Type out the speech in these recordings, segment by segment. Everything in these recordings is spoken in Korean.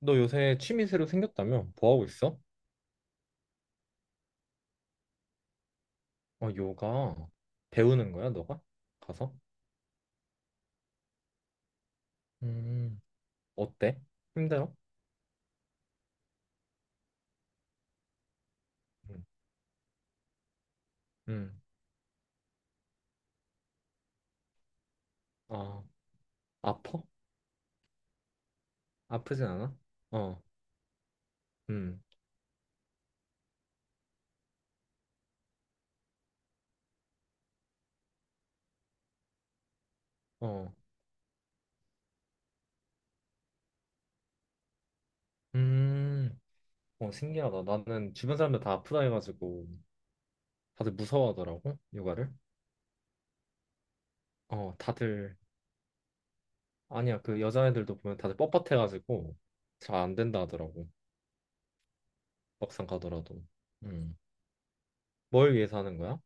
너 요새 취미 새로 생겼다며? 뭐 하고 있어? 어, 요가 배우는 거야, 너가? 가서? 음, 어때? 힘들어? 음, 음. 아, 아파? 아프진 않아? 어, 음, 어, 음, 어, 신기하다. 나는 주변 사람들 다 아프다 해가지고 다들 무서워하더라고, 요가를. 어, 다들, 아니야, 그 여자애들도 보면 다들 뻣뻣해가지고 잘 안 된다 하더라고, 막상 가더라도. 음, 뭘 위해서 하는 거야?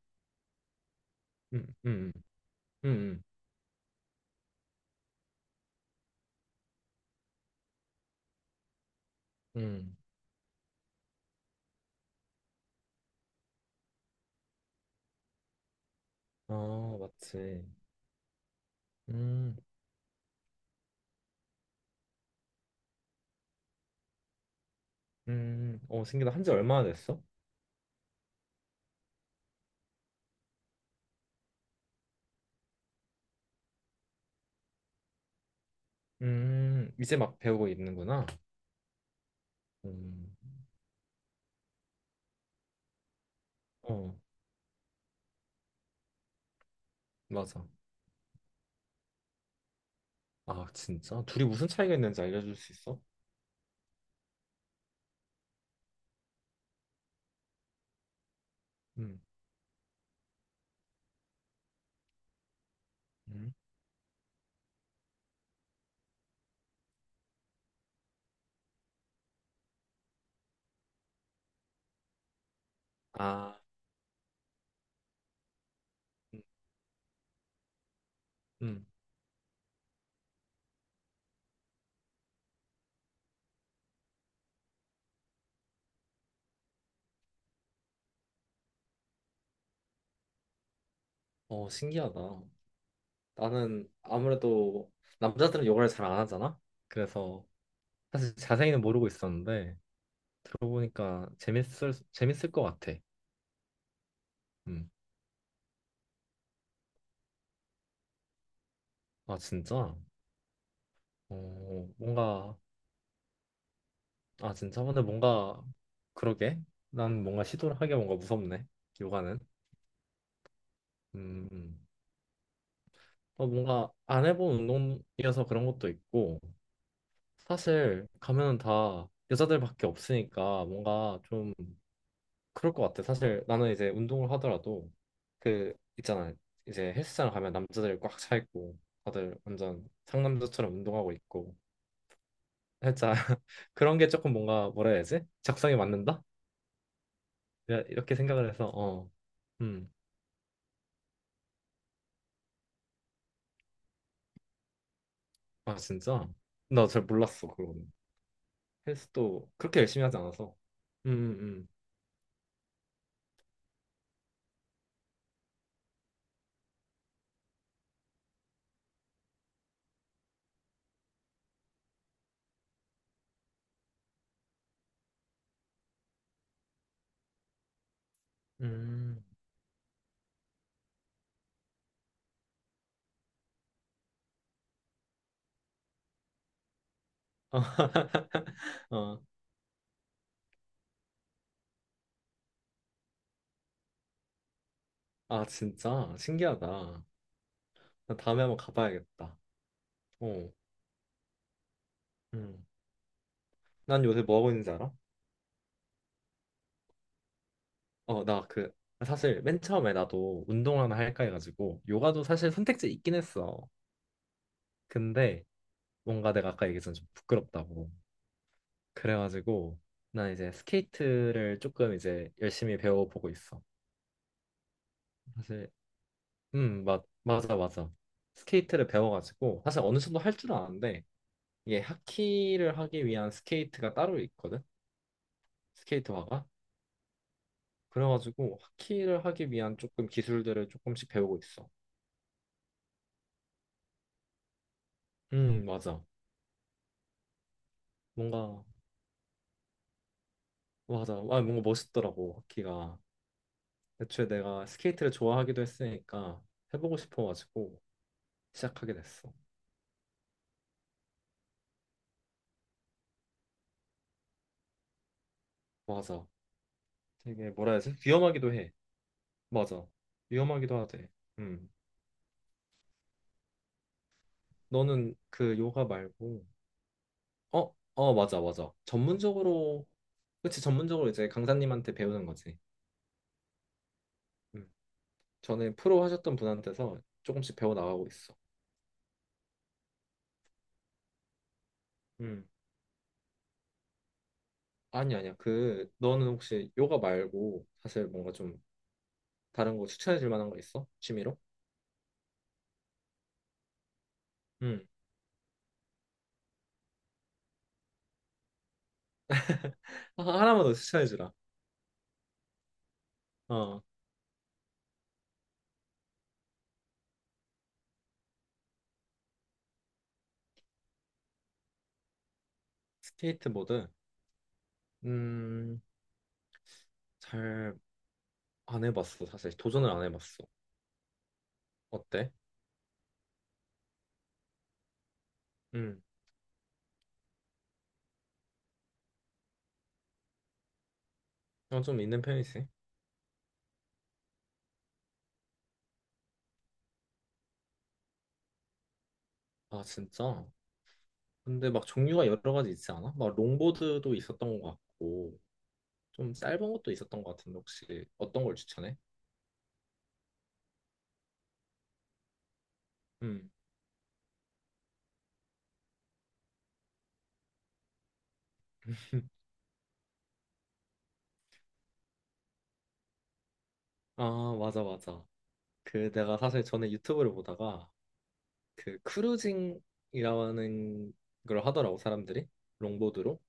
음, 음, 음, 음. 음. 아, 맞지. 음, 음, 어, 신기하다. 한지 얼마나 됐어? 이제 막 배우고 있는구나. 음, 어, 맞아. 아, 진짜? 둘이 무슨 차이가 있는지 알려줄 수 있어? 음, 음. 아, 음, 음. 어, 신기하다. 나는 아무래도 남자들은 요가를 잘 안 하잖아? 그래서 사실 자세히는 모르고 있었는데 들어보니까 재밌을 것 같아. 음, 아, 진짜? 어, 뭔가 아, 진짜? 근데 뭔가, 그러게. 난 뭔가 시도를 하기가 뭔가 무섭네. 요가는. 음. 어, 뭔가 안 해본 운동이어서 그런 것도 있고, 사실 가면은 다 여자들밖에 없으니까 뭔가 좀 그럴 것 같아. 사실 나는 이제 운동을 하더라도, 그, 있잖아. 이제 헬스장 가면 남자들이 꽉 차 있고, 다들 완전 상남자처럼 운동하고 있고, 살짝 그런 게 조금 뭔가 뭐라 해야 되지? 적성에 맞는다? 이렇게 생각을 해서, 어. 음. 아 진짜? 나 잘 몰랐어 그거는. 헬스도 그렇게 열심히 하지 않아서. 음, 음, 음. 아 어. 아 진짜 신기하다. 나 다음에 한번 가봐야겠다. 어. 음. 난 요새 뭐 하고 있는지 알아? 어, 나 그 사실 맨 처음에 나도 운동 하나 할까 해가지고 요가도 사실 선택지 있긴 했어. 근데 뭔가 내가 아까 얘기했던 좀 부끄럽다고. 그래가지고 난 이제 스케이트를 조금 이제 열심히 배워보고 있어. 사실 맞아, 맞아. 스케이트를 배워가지고, 사실 어느 정도 할 줄 아는데, 이게 하키를 하기 위한 스케이트가 따로 있거든? 스케이트화가? 그래가지고, 하키를 하기 위한 조금 기술들을 조금씩 배우고 있어. 맞아. 뭔가, 맞아. 아, 뭔가 멋있더라고, 하키가. 애초에 내가 스케이트를 좋아하기도 했으니까, 해보고 싶어가지고, 시작하게 됐어. 맞아. 되게, 뭐라 해야지? 위험하기도 해. 맞아. 위험하기도 하대. 음. 너는 그 요가 말고, 어, 어, 맞아, 맞아. 전문적으로, 그치, 전문적으로 이제 강사님한테 배우는 거지. 음. 전에 프로 하셨던 분한테서 조금씩 배워 나가고 있어. 음. 아니, 아니야. 그, 너는 혹시 요가 말고 사실 뭔가 좀 다른 거 추천해 줄 만한 거 있어? 취미로? 음. 아, 하나만 더 추천해 주라. 어, 스케이트보드. 음, 잘 안 해봤어. 사실 도전을 안 해봤어. 어때? 음, 어, 좀 있는 편이지. 아, 진짜? 근데 막 종류가 여러 가지 있지 않아? 막 롱보드도 있었던 것 같고 좀 짧은 것도 있었던 것 같은데 혹시 어떤 걸 추천해? 음. 아 맞아 맞아. 그 내가 사실 전에 유튜브를 보다가 그 크루징이라는 걸 하더라고 사람들이 롱보드로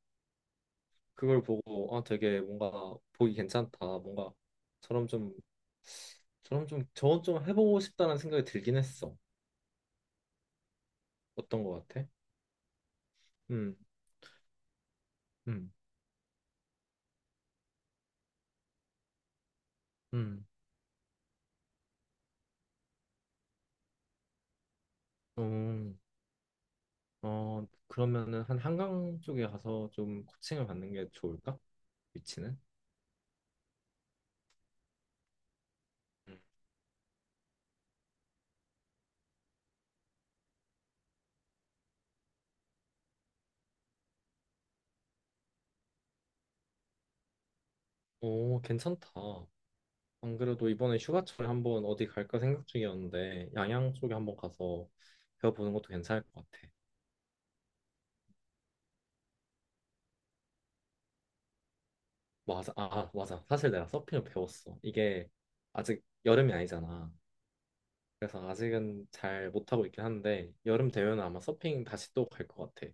그걸 보고 아 되게 뭔가 보기 괜찮다 뭔가 저럼 좀 저럼 좀 저건 좀 해보고 싶다는 생각이 들긴 했어. 어떤 것 같아? 음. 음. 음. 음. 어, 그러면은 한 한강 쪽에 가서 좀 코칭을 받는 게 좋을까? 위치는? 음. 오, 괜찮다. 안 그래도 이번에 휴가철에 한번 어디 갈까 생각 중이었는데 양양 쪽에 한번 가서 배워보는 것도 괜찮을 것 같아. 맞아, 아, 아, 맞아. 사실 내가 서핑을 배웠어. 이게 아직 여름이 아니잖아. 그래서 아직은 잘 못하고 있긴 한데 여름 되면 아마 서핑 다시 또 갈 것 같아.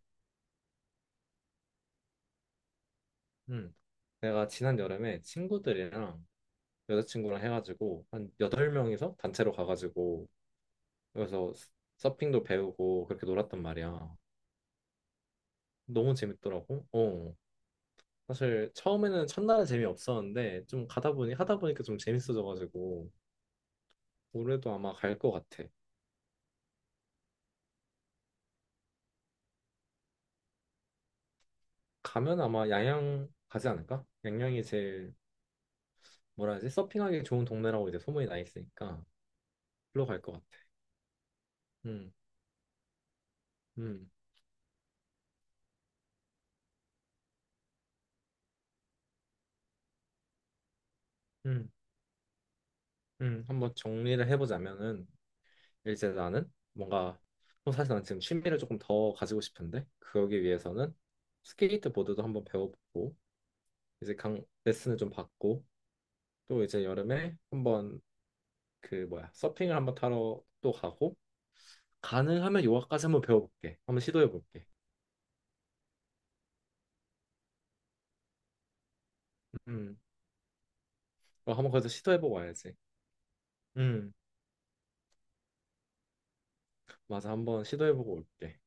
음. 내가 지난 여름에 친구들이랑 여자친구랑 해가지고 한 여덟 명이서 단체로 가가지고 그래서 서핑도 배우고 그렇게 놀았단 말이야. 너무 재밌더라고. 어. 사실 처음에는 첫날은 재미없었는데 좀 가다 보니 하다 보니까 좀 재밌어져가지고 올해도 아마 갈 것 같아. 가면 아마 양양 가지 않을까? 양양이 제일 뭐라 해야지? 서핑하기 좋은 동네라고 이제 소문이 나 있으니까 글로 갈 것 같아. 음, 음, 음, 한번 정리를 해보자면은 이제 나는 뭔가 어, 사실 난 지금 취미를 조금 더 가지고 싶은데 그러기 위해서는 스케이트보드도 한번 배워보고 이제 강 레슨을 좀 받고 또 이제 여름에 한번 그 뭐야 서핑을 한번 타러 또 가고 가능하면 요가까지 한번 배워볼게 한번 시도해볼게 음 어, 한번 거기서 시도해보고 와야지 음 맞아 한번 시도해보고 올게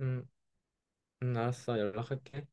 음, 알았어 연락할게